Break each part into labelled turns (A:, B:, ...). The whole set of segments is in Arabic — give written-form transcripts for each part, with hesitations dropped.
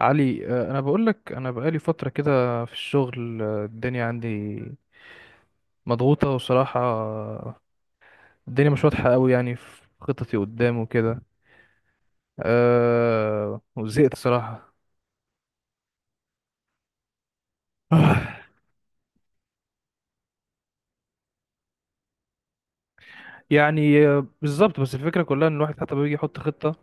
A: علي، انا بقول لك انا بقالي فتره كده في الشغل، الدنيا عندي مضغوطه وصراحه الدنيا مش واضحه قوي يعني في خططي قدام وكده. وزهقت صراحه. يعني بالظبط. بس الفكره كلها ان الواحد حتى بيجي يحط خطه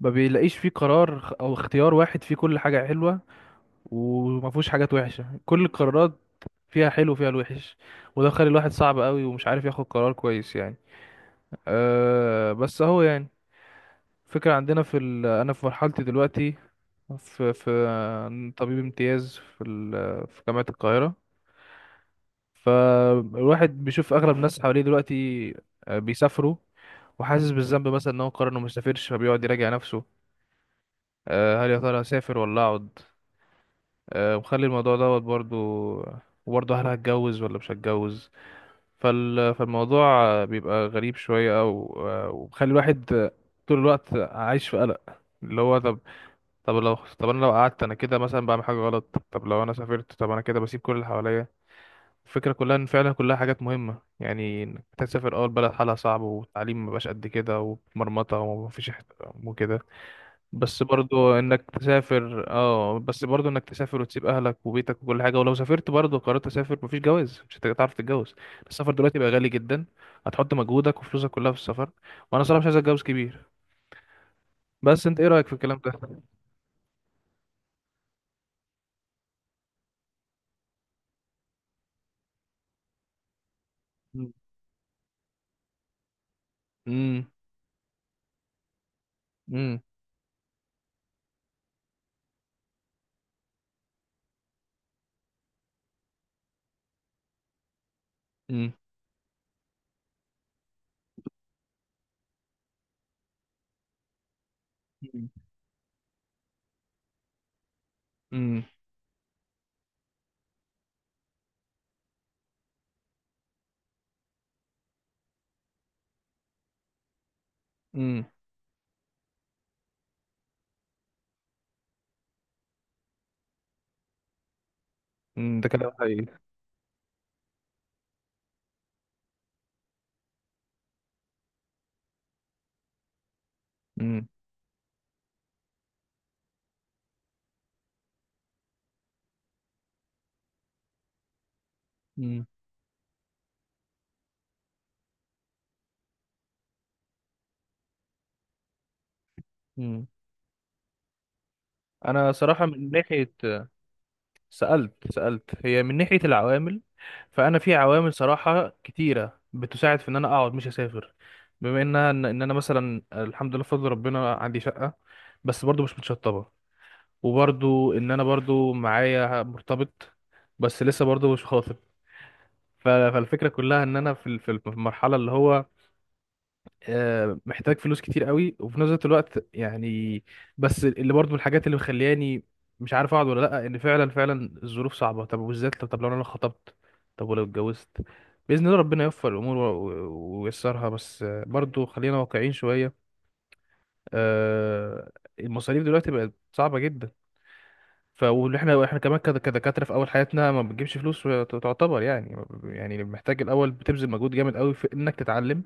A: ما بيلاقيش فيه قرار او اختيار واحد فيه كل حاجه حلوه وما فيهوش حاجات وحشه، كل القرارات فيها حلو وفيها الوحش، وده خلي الواحد صعب قوي ومش عارف ياخد قرار كويس يعني. بس اهو يعني فكرة. عندنا في أنا في مرحلتي دلوقتي في طبيب امتياز في في جامعة القاهرة. فالواحد بيشوف أغلب الناس حواليه دلوقتي بيسافروا، وحاسس بالذنب مثلا إن هو قرر إنه ما يسافرش فبيقعد يراجع نفسه. هل يا ترى أسافر ولا أقعد؟ ومخلي الموضوع دوت برضو، وبرضه هل هتجوز ولا مش هتجوز؟ فالموضوع بيبقى غريب شوية، أو ومخلي الواحد طول الوقت عايش في قلق، اللي هو طب، طب لو طب انا لو قعدت انا كده مثلا بعمل حاجه غلط، طب لو انا سافرت طب انا كده بسيب كل اللي حواليا. الفكره كلها ان فعلا كلها حاجات مهمه، يعني انك تسافر اول بلد حالها صعب والتعليم مبقاش قد كده ومرمطه ومفيش احترام وكده، بس برضو انك تسافر وتسيب اهلك وبيتك وكل حاجه، ولو سافرت برضو قررت اسافر مفيش جواز مش هتعرف تتجوز. السفر دلوقتي بقى غالي جدا، هتحط مجهودك وفلوسك كلها في السفر، وانا صراحه مش عايز اتجوز كبير. بس انت ايه رايك في الكلام ده؟ امم. امم. مم. مم. مم. مم. ده كلام حقيقي. مم. مم. مم. انا صراحة من ناحية، سألت هي من ناحية العوامل، فانا في عوامل صراحة كتيرة بتساعد في ان انا اقعد مش اسافر، بما انها إن انا مثلا الحمد لله بفضل ربنا عندي شقة بس برضو مش متشطبة، وبرضو ان انا برضو معايا مرتبط بس لسه برضو مش خاطب. فالفكرة كلها ان انا في في المرحلة اللي هو محتاج فلوس كتير قوي وفي نفس الوقت يعني. بس اللي برضو من الحاجات اللي مخلياني مش عارف اقعد ولا لا ان فعلا فعلا الظروف صعبه، طب وبالذات لو انا خطبت، طب ولو اتجوزت باذن الله ربنا يوفق الامور و- و- وييسرها، بس برضو خلينا واقعيين شويه. آه، المصاريف دلوقتي بقت صعبه جدا، واللي احنا كمان كدكاتره في اول حياتنا ما بتجيبش فلوس، تعتبر يعني محتاج الاول بتبذل مجهود جامد قوي في انك تتعلم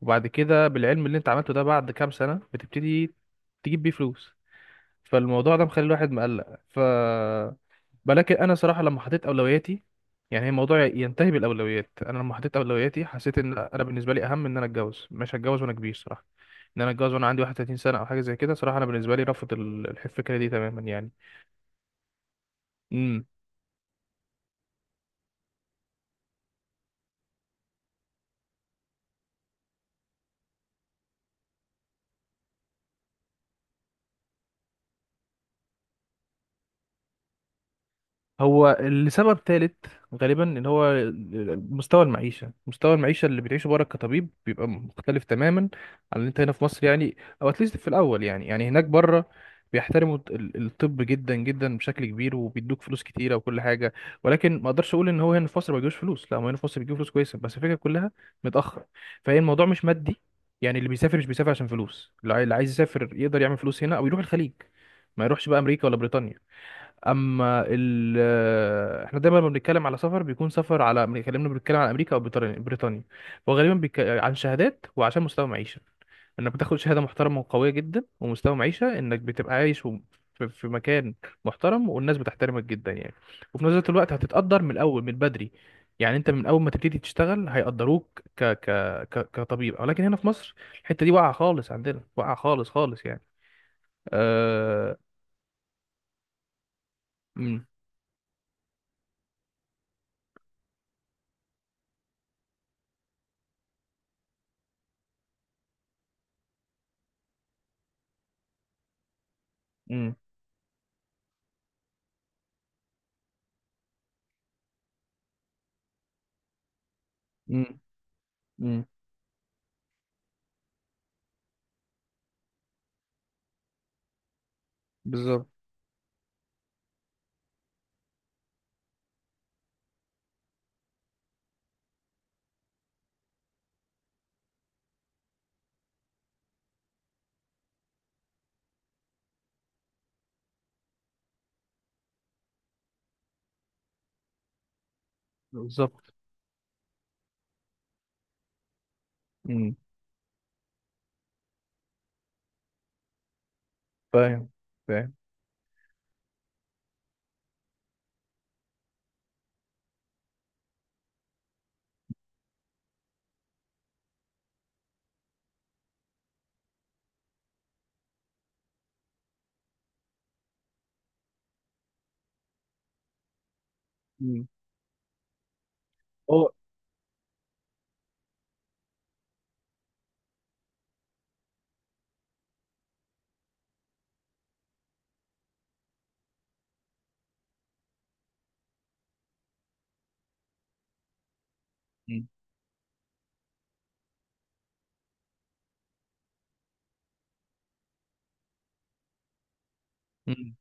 A: وبعد كده بالعلم اللي انت عملته ده بعد كام سنة بتبتدي تجيب بيه فلوس. فالموضوع ده مخلي الواحد مقلق. ولكن انا صراحة لما حطيت اولوياتي، يعني هي الموضوع ينتهي بالاولويات، انا لما حطيت اولوياتي حسيت ان انا بالنسبة لي اهم ان انا اتجوز مش هتجوز وانا كبير صراحة، ان انا اتجوز وانا عندي 31 سنة او حاجة زي كده صراحة انا بالنسبة لي رفض الفكرة دي تماما يعني. مم. هو لسبب ثالث غالبا، اللي هو مستوى المعيشة، مستوى المعيشة اللي بتعيشه بره كطبيب بيبقى مختلف تماما عن اللي انت هنا في مصر يعني، او اتليست في الاول، يعني هناك بره بيحترموا الطب جدا جدا بشكل كبير وبيدوك فلوس كتيرة وكل حاجة. ولكن ما اقدرش اقول ان هو هنا في مصر ما بيجيبوش فلوس، لا هو هنا في مصر بيجيبوا فلوس كويسة، بس الفكرة كلها متأخر. فهي الموضوع مش مادي، يعني اللي بيسافر مش بيسافر عشان فلوس، اللي اللي عايز يسافر يقدر يعمل فلوس هنا او يروح الخليج، ما يروحش بقى امريكا ولا بريطانيا. اما احنا دايما لما بنتكلم على سفر بيكون سفر على بنتكلم على امريكا او بريطانيا، وغالبا عن شهادات وعشان مستوى معيشه، انك بتاخد شهاده محترمه وقويه جدا ومستوى معيشه انك بتبقى عايش في مكان محترم والناس بتحترمك جدا يعني. وفي نفس الوقت هتتقدر من الاول من بدري، يعني انت من اول ما تبتدي تشتغل هيقدروك كطبيب، ولكن هنا في مصر الحته دي واقعه خالص عندنا، واقعه خالص خالص يعني. أه... امم. امم. امم. بالظبط بالظبط. امم. فاهم فاهم. مم. هو امم. امم.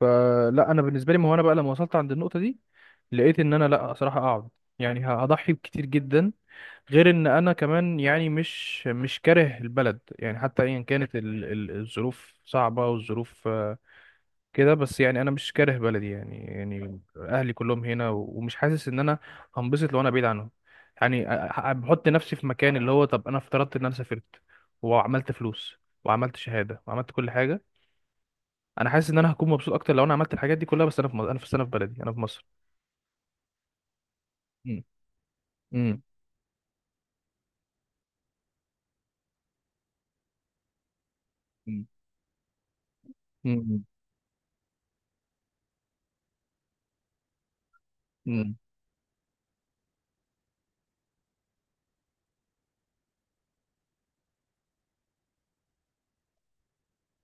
A: فلا انا بالنسبه لي، ما هو انا بقى لما وصلت عند النقطه دي لقيت ان انا لا صراحه اقعد، يعني هضحي بكتير جدا، غير ان انا كمان يعني مش كاره البلد يعني، حتى ايا كانت الظروف صعبه والظروف كده، بس يعني انا مش كاره بلدي يعني، اهلي كلهم هنا ومش حاسس ان انا هنبسط لو انا بعيد عنهم. يعني بحط نفسي في مكان اللي هو طب انا افترضت ان انا سافرت وعملت فلوس وعملت شهادة وعملت كل حاجة، انا حاسس ان انا هكون مبسوط اكتر لو انا عملت الحاجات دي كلها بس انا في مصر، انا في بلدي انا في مصر. مم. مم. مم. مم. مم.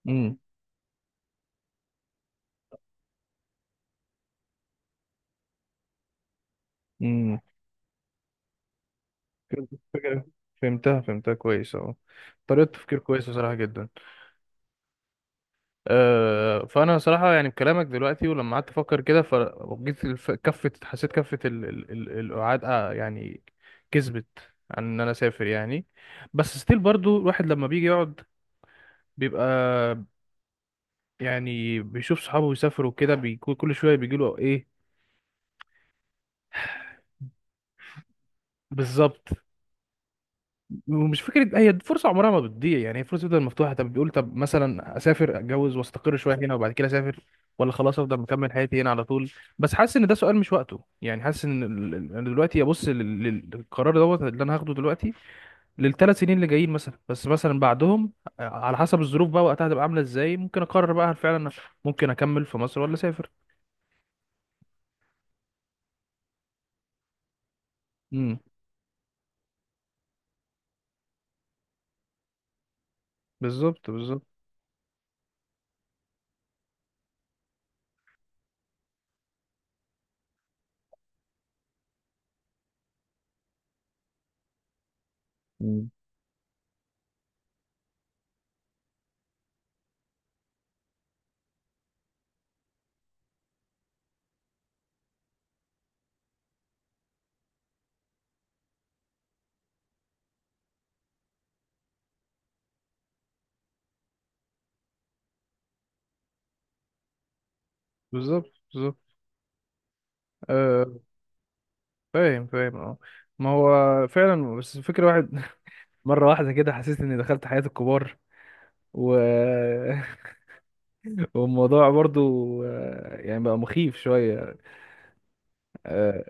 A: مم. مم. فهمت الفكرة؟ فهمتها فهمتها كويس اهو، طريقة تفكير كويسة بصراحة جدا. فانا صراحه يعني بكلامك دلوقتي ولما قعدت افكر كده فجيت كفه، حسيت كفه القعاد يعني كسبت عن ان انا اسافر يعني. بس ستيل برضو الواحد لما بيجي يقعد بيبقى يعني بيشوف صحابه يسافروا كده بيكون كل شويه بيجيله ايه. بالظبط. ومش فكره، هي فرصه عمرها ما بتضيع يعني، هي فرصه بتفضل مفتوحه، طب بيقول طب مثلا اسافر اتجوز واستقر شويه هنا وبعد كده اسافر، ولا خلاص افضل مكمل حياتي هنا على طول. بس حاسس ان ده سؤال مش وقته يعني، حاسس ان انا دلوقتي ابص للقرار دوت اللي انا هاخده دلوقتي للثلاث سنين اللي جايين مثلا، بس مثلا بعدهم على حسب الظروف بقى وقتها هتبقى عامله ازاي ممكن اقرر بقى هل فعلا ممكن اكمل في مصر ولا اسافر. امم. بالظبط بالظبط. مم. بالظبط بالظبط. آه. فاهم فاهم اه. ما هو فعلا، بس الفكرة واحد، مرة واحدة كده حسيت إني دخلت حياة الكبار و... والموضوع برضو يعني بقى مخيف شوية. آه،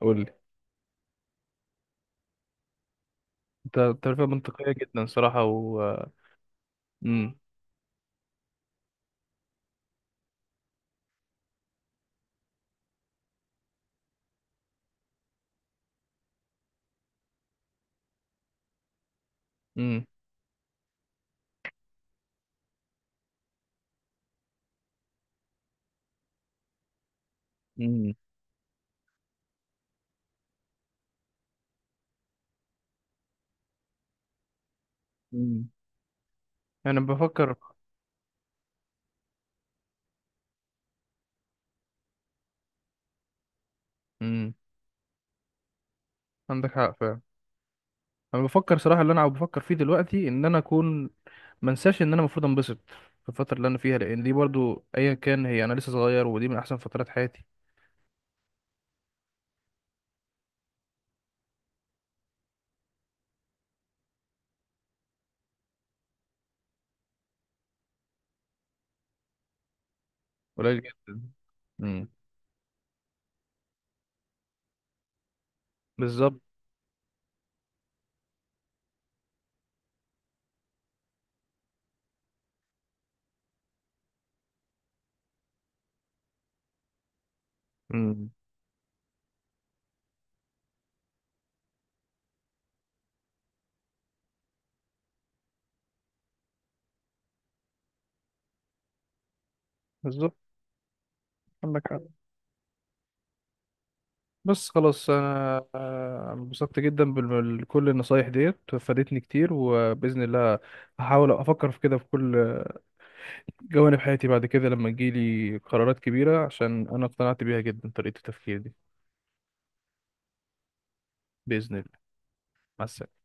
A: قول لي. أنت ترفيه منطقية جدا صراحة و آه، مم. مم. مم. مم. أنا بفكر. مم. عندك حق فعلا. أنا بفكر صراحة، اللي أنا بفكر فيه دلوقتي إن أنا أكون منساش إن أنا المفروض أنبسط في الفترة اللي أنا فيها، لأن دي برضو أيا كان هي أنا لسه صغير ودي من أحسن فترات حياتي. قليل جدا. مم. بالظبط. مم. بالظبط عندك حق. بس خلاص انا انبسطت جدا بكل النصايح ديت، فادتني كتير وباذن الله هحاول افكر في كده في كل جوانب حياتي بعد كده لما تجيلي قرارات كبيره، عشان انا اقتنعت بيها جدا طريقه التفكير دي. باذن الله. مع السلامه.